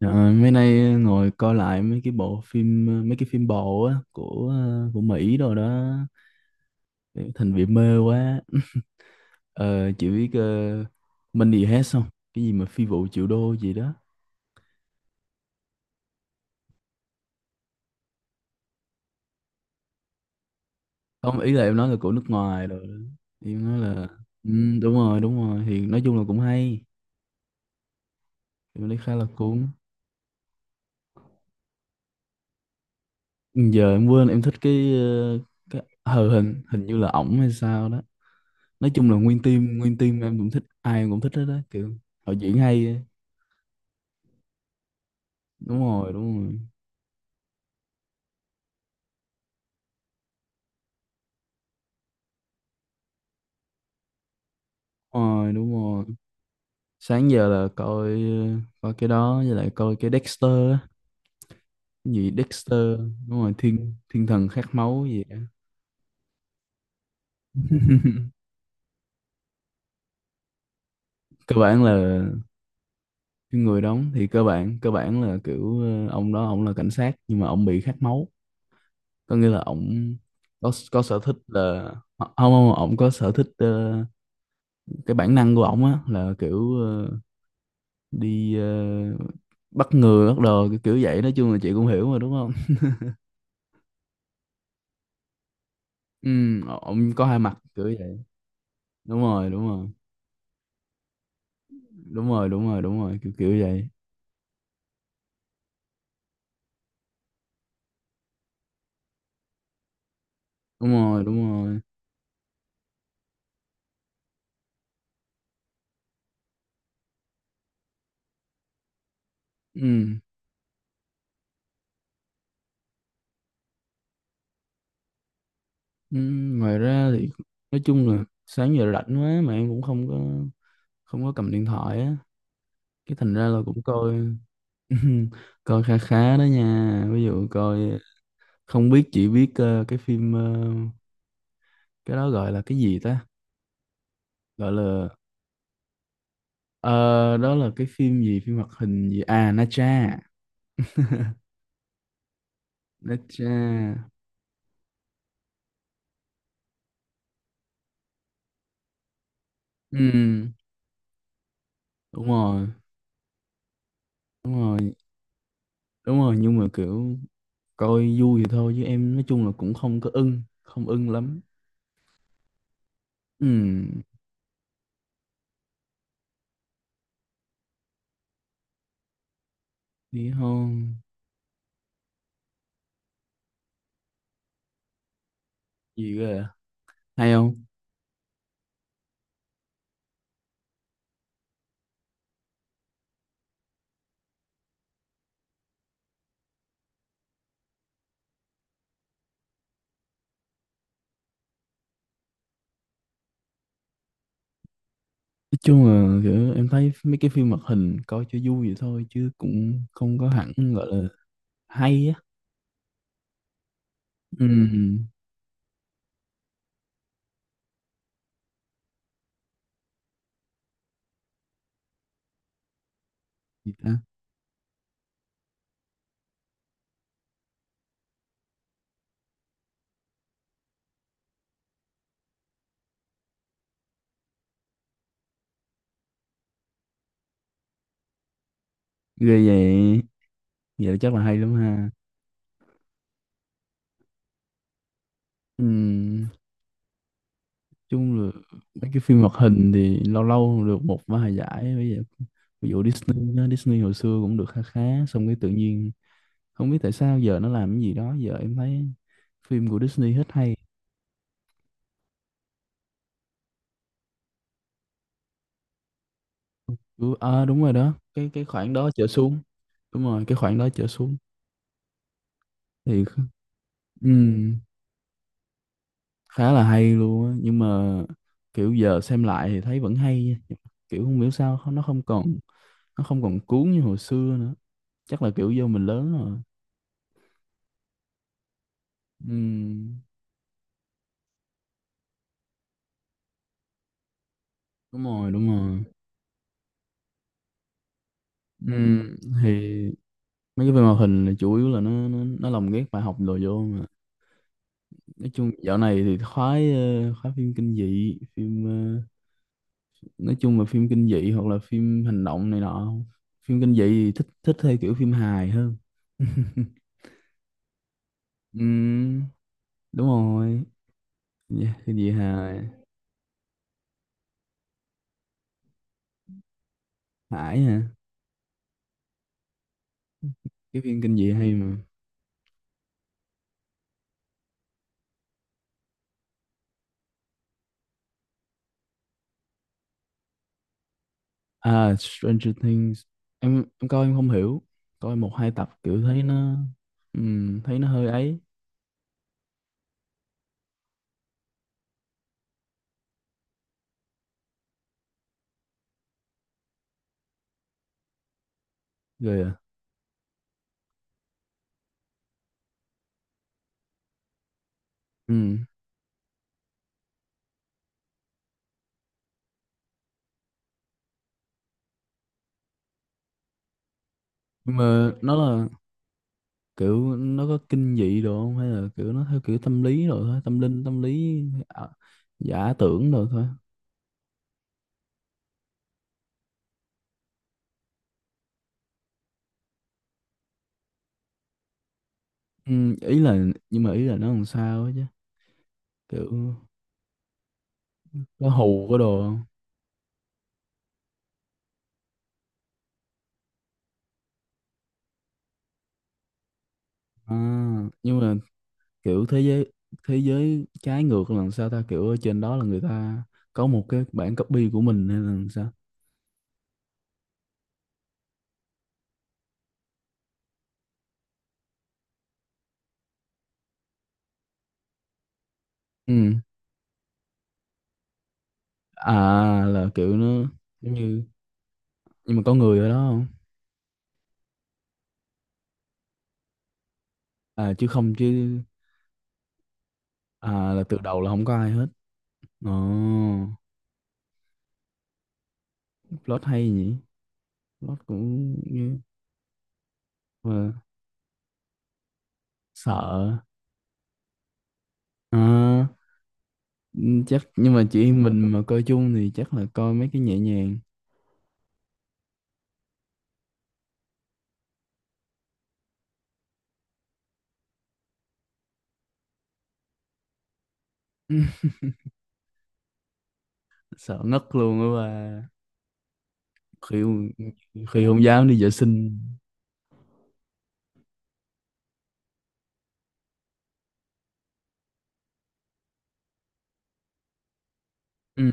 Ờ, Mấy nay ngồi coi lại mấy cái bộ phim mấy cái phim bộ á của Mỹ rồi đó, thành bị mê quá. Ờ, chị biết Money Heist không, cái gì mà phi vụ triệu đô gì đó. Không, ý là em nói là của nước ngoài rồi đó. Em nói là, ừ, đúng rồi đúng rồi, thì nói chung là cũng hay. Em thấy khá là cuốn. Ừ, giờ em quên, em thích cái cái hờ hình hình như là ổng hay sao đó. Nói chung là nguyên team em cũng thích, ai em cũng thích hết đó kiểu họ diễn hay á. Đúng rồi đúng rồi. Rồi, đúng rồi, sáng giờ là coi coi cái đó với lại coi cái Dexter á. Cái gì Dexter, đúng rồi, thiên thiên thần khát máu gì á. Cơ bản là cái người đóng thì cơ bản là kiểu, ông đó ông là cảnh sát nhưng mà ông bị khát máu, có nghĩa là ông có sở thích là, không không ông có sở thích cái bản năng của ông á là kiểu, đi bắt người bắt đồ kiểu kiểu vậy, nói chung là chị cũng hiểu mà đúng không. Ừ, ông có hai mặt kiểu vậy. Đúng rồi đúng rồi. Đúng rồi đúng rồi đúng rồi kiểu kiểu vậy. Đúng rồi đúng rồi. Ừ. Ừ. Ngoài ra thì nói chung là sáng giờ rảnh quá mà em cũng không có cầm điện thoại á, cái thành ra là cũng coi. Coi khá khá đó nha, ví dụ coi, không biết chỉ biết cái phim cái đó gọi là cái gì ta, gọi là ờ, đó là cái phim gì, phim hoạt hình gì à, Na Tra. Na Tra, ừ, đúng rồi đúng rồi đúng rồi, nhưng mà kiểu coi vui thì thôi chứ em nói chung là cũng không ưng lắm. Ừ, đi không? Gì cơ à? Hay không? Nói chung là kiểu em thấy mấy cái phim hoạt hình coi cho vui vậy thôi chứ cũng không có hẳn gọi là hay á. Ừ, gì ta. Ghê vậy, vậy là chắc là hay lắm ha. Ừ, nói chung là mấy cái phim hoạt hình thì lâu lâu được một vài giải, bây giờ ví dụ Disney đó, Disney hồi xưa cũng được khá khá, xong cái tự nhiên không biết tại sao giờ nó làm cái gì đó, giờ em thấy phim của Disney hết hay. Ừ, à, đúng rồi đó, cái khoảng đó trở xuống. Đúng rồi, cái khoảng đó trở xuống thì, ừm, khá là hay luôn á, nhưng mà kiểu giờ xem lại thì thấy vẫn hay nha. Kiểu không hiểu sao nó không còn, nó không còn cuốn như hồi xưa nữa, chắc là kiểu do mình lớn rồi. Ừm, đúng rồi đúng rồi. Ừm, thì mấy cái phim hoạt hình là chủ yếu là nó lồng ghép bài học đồ vô mà. Nói chung dạo này thì khoái, khoái phim kinh dị, phim, nói chung là phim kinh dị hoặc là phim hành động này nọ. Phim kinh dị thì thích thích theo kiểu phim hài hơn. Ừm, đúng rồi. Dạ, cái gì hài? Hải hả, cái phim kinh dị hay mà. À Stranger Things, em coi em không hiểu, coi một hai tập kiểu thấy nó, thấy nó hơi ấy. Rồi à. Ừm, nhưng mà nó là kiểu nó có kinh dị đồ không, hay là kiểu nó theo kiểu tâm lý rồi thôi, tâm linh tâm lý, à, giả tưởng rồi thôi. Ừ, ý là, nhưng mà ý là nó làm sao ấy chứ, kiểu có hù có đồ không. À, nhưng mà kiểu thế giới, thế giới trái ngược là làm sao ta, kiểu ở trên đó là người ta có một cái bản copy của mình hay là làm sao. Ừ. À, là kiểu nó giống như, nhưng mà có người ở đó không. À chứ không chứ. À, là từ đầu là không có ai hết. Ồ, plot hay nhỉ, nó cũng như. Mà sợ. Ờ, ừ, chắc nhưng mà chị em mình mà coi chung thì chắc là coi mấy cái nhẹ nhàng. Sợ ngất luôn á bà. Khi, khi không dám đi vệ sinh. Ừ.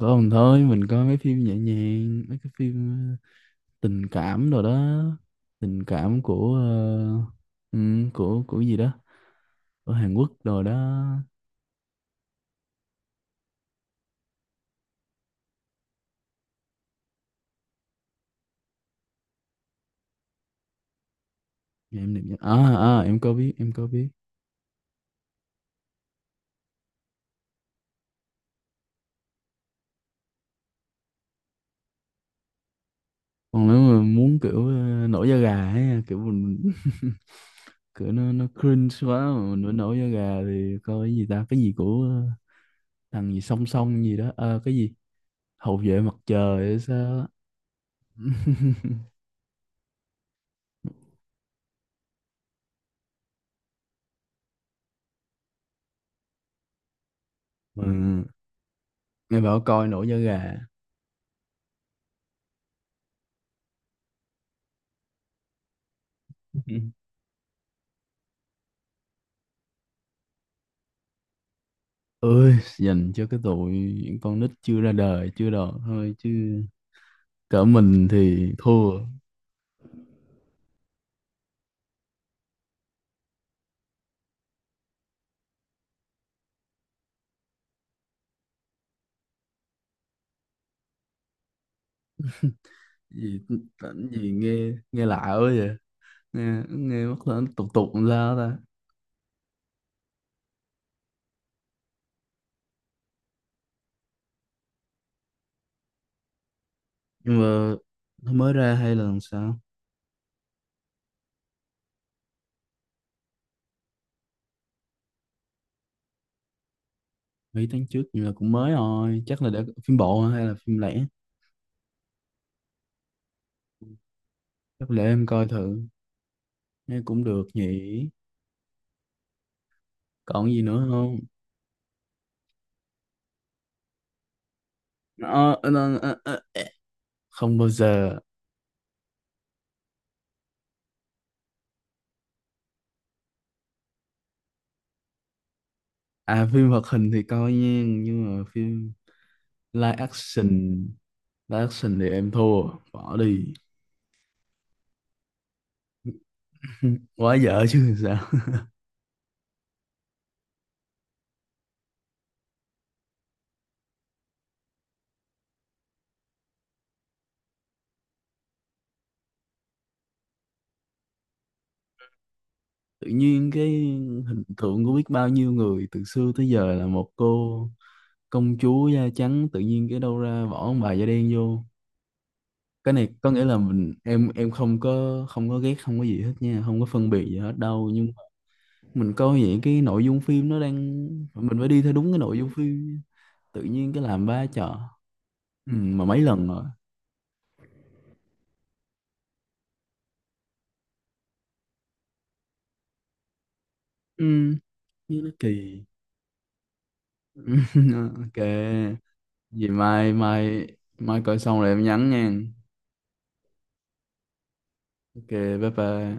Còn thôi mình coi mấy phim nhẹ nhàng, mấy cái phim tình cảm rồi đó, tình cảm của, ờ, ừ, của gì đó ở Hàn Quốc rồi đó. Dạ, em định à, à em có biết, em có biết. Còn nếu mà muốn kiểu nổi da gà ấy kiểu mình kiểu nó cringe quá mà mình vẫn nổi da gà thì coi cái gì ta, cái gì của ờ, thằng gì song song gì đó. Ờ, cái gì hậu vệ mặt trời hay sao á. Ừ. Nghe bảo coi nổi da gà. Ừ. Ơi, dành cho cái tụi những con nít chưa ra đời chưa đòn thôi chứ cỡ mình thì thua. Gì, tỉnh gì, nghe nghe lạ quá vậy, nghe nghe mất là tục tục làm sao ta. Nhưng mà nó mới ra hay là làm sao. Mấy tháng trước nhưng mà cũng mới rồi, chắc là đã phim bộ hả? Hay là phim lẻ. Chắc để em coi thử, nghe cũng được nhỉ. Còn gì nữa không? Ờ, ờ, ờ, ờ, ờ, ờ. Không bao giờ. À phim hoạt hình thì coi nha, nhưng mà phim live action, live action thì em thua, bỏ đi. Quá dở chứ sao. Tự nhiên cái hình tượng của biết bao nhiêu người từ xưa tới giờ là một cô công chúa da trắng, tự nhiên cái đâu ra bỏ ông bà da đen vô. Cái này có nghĩa là mình, em không có, không có ghét, không có gì hết nha, không có phân biệt gì hết đâu, nhưng mình coi vậy cái nội dung phim nó đang, mình phải đi theo đúng cái nội dung phim nha. Tự nhiên cái làm ba chợ. Ừ, mà mấy lần rồi. Ừ, như nó kỳ. Ok. Vậy mai mai, mai coi xong rồi em nhắn nha. Ok, bye bye.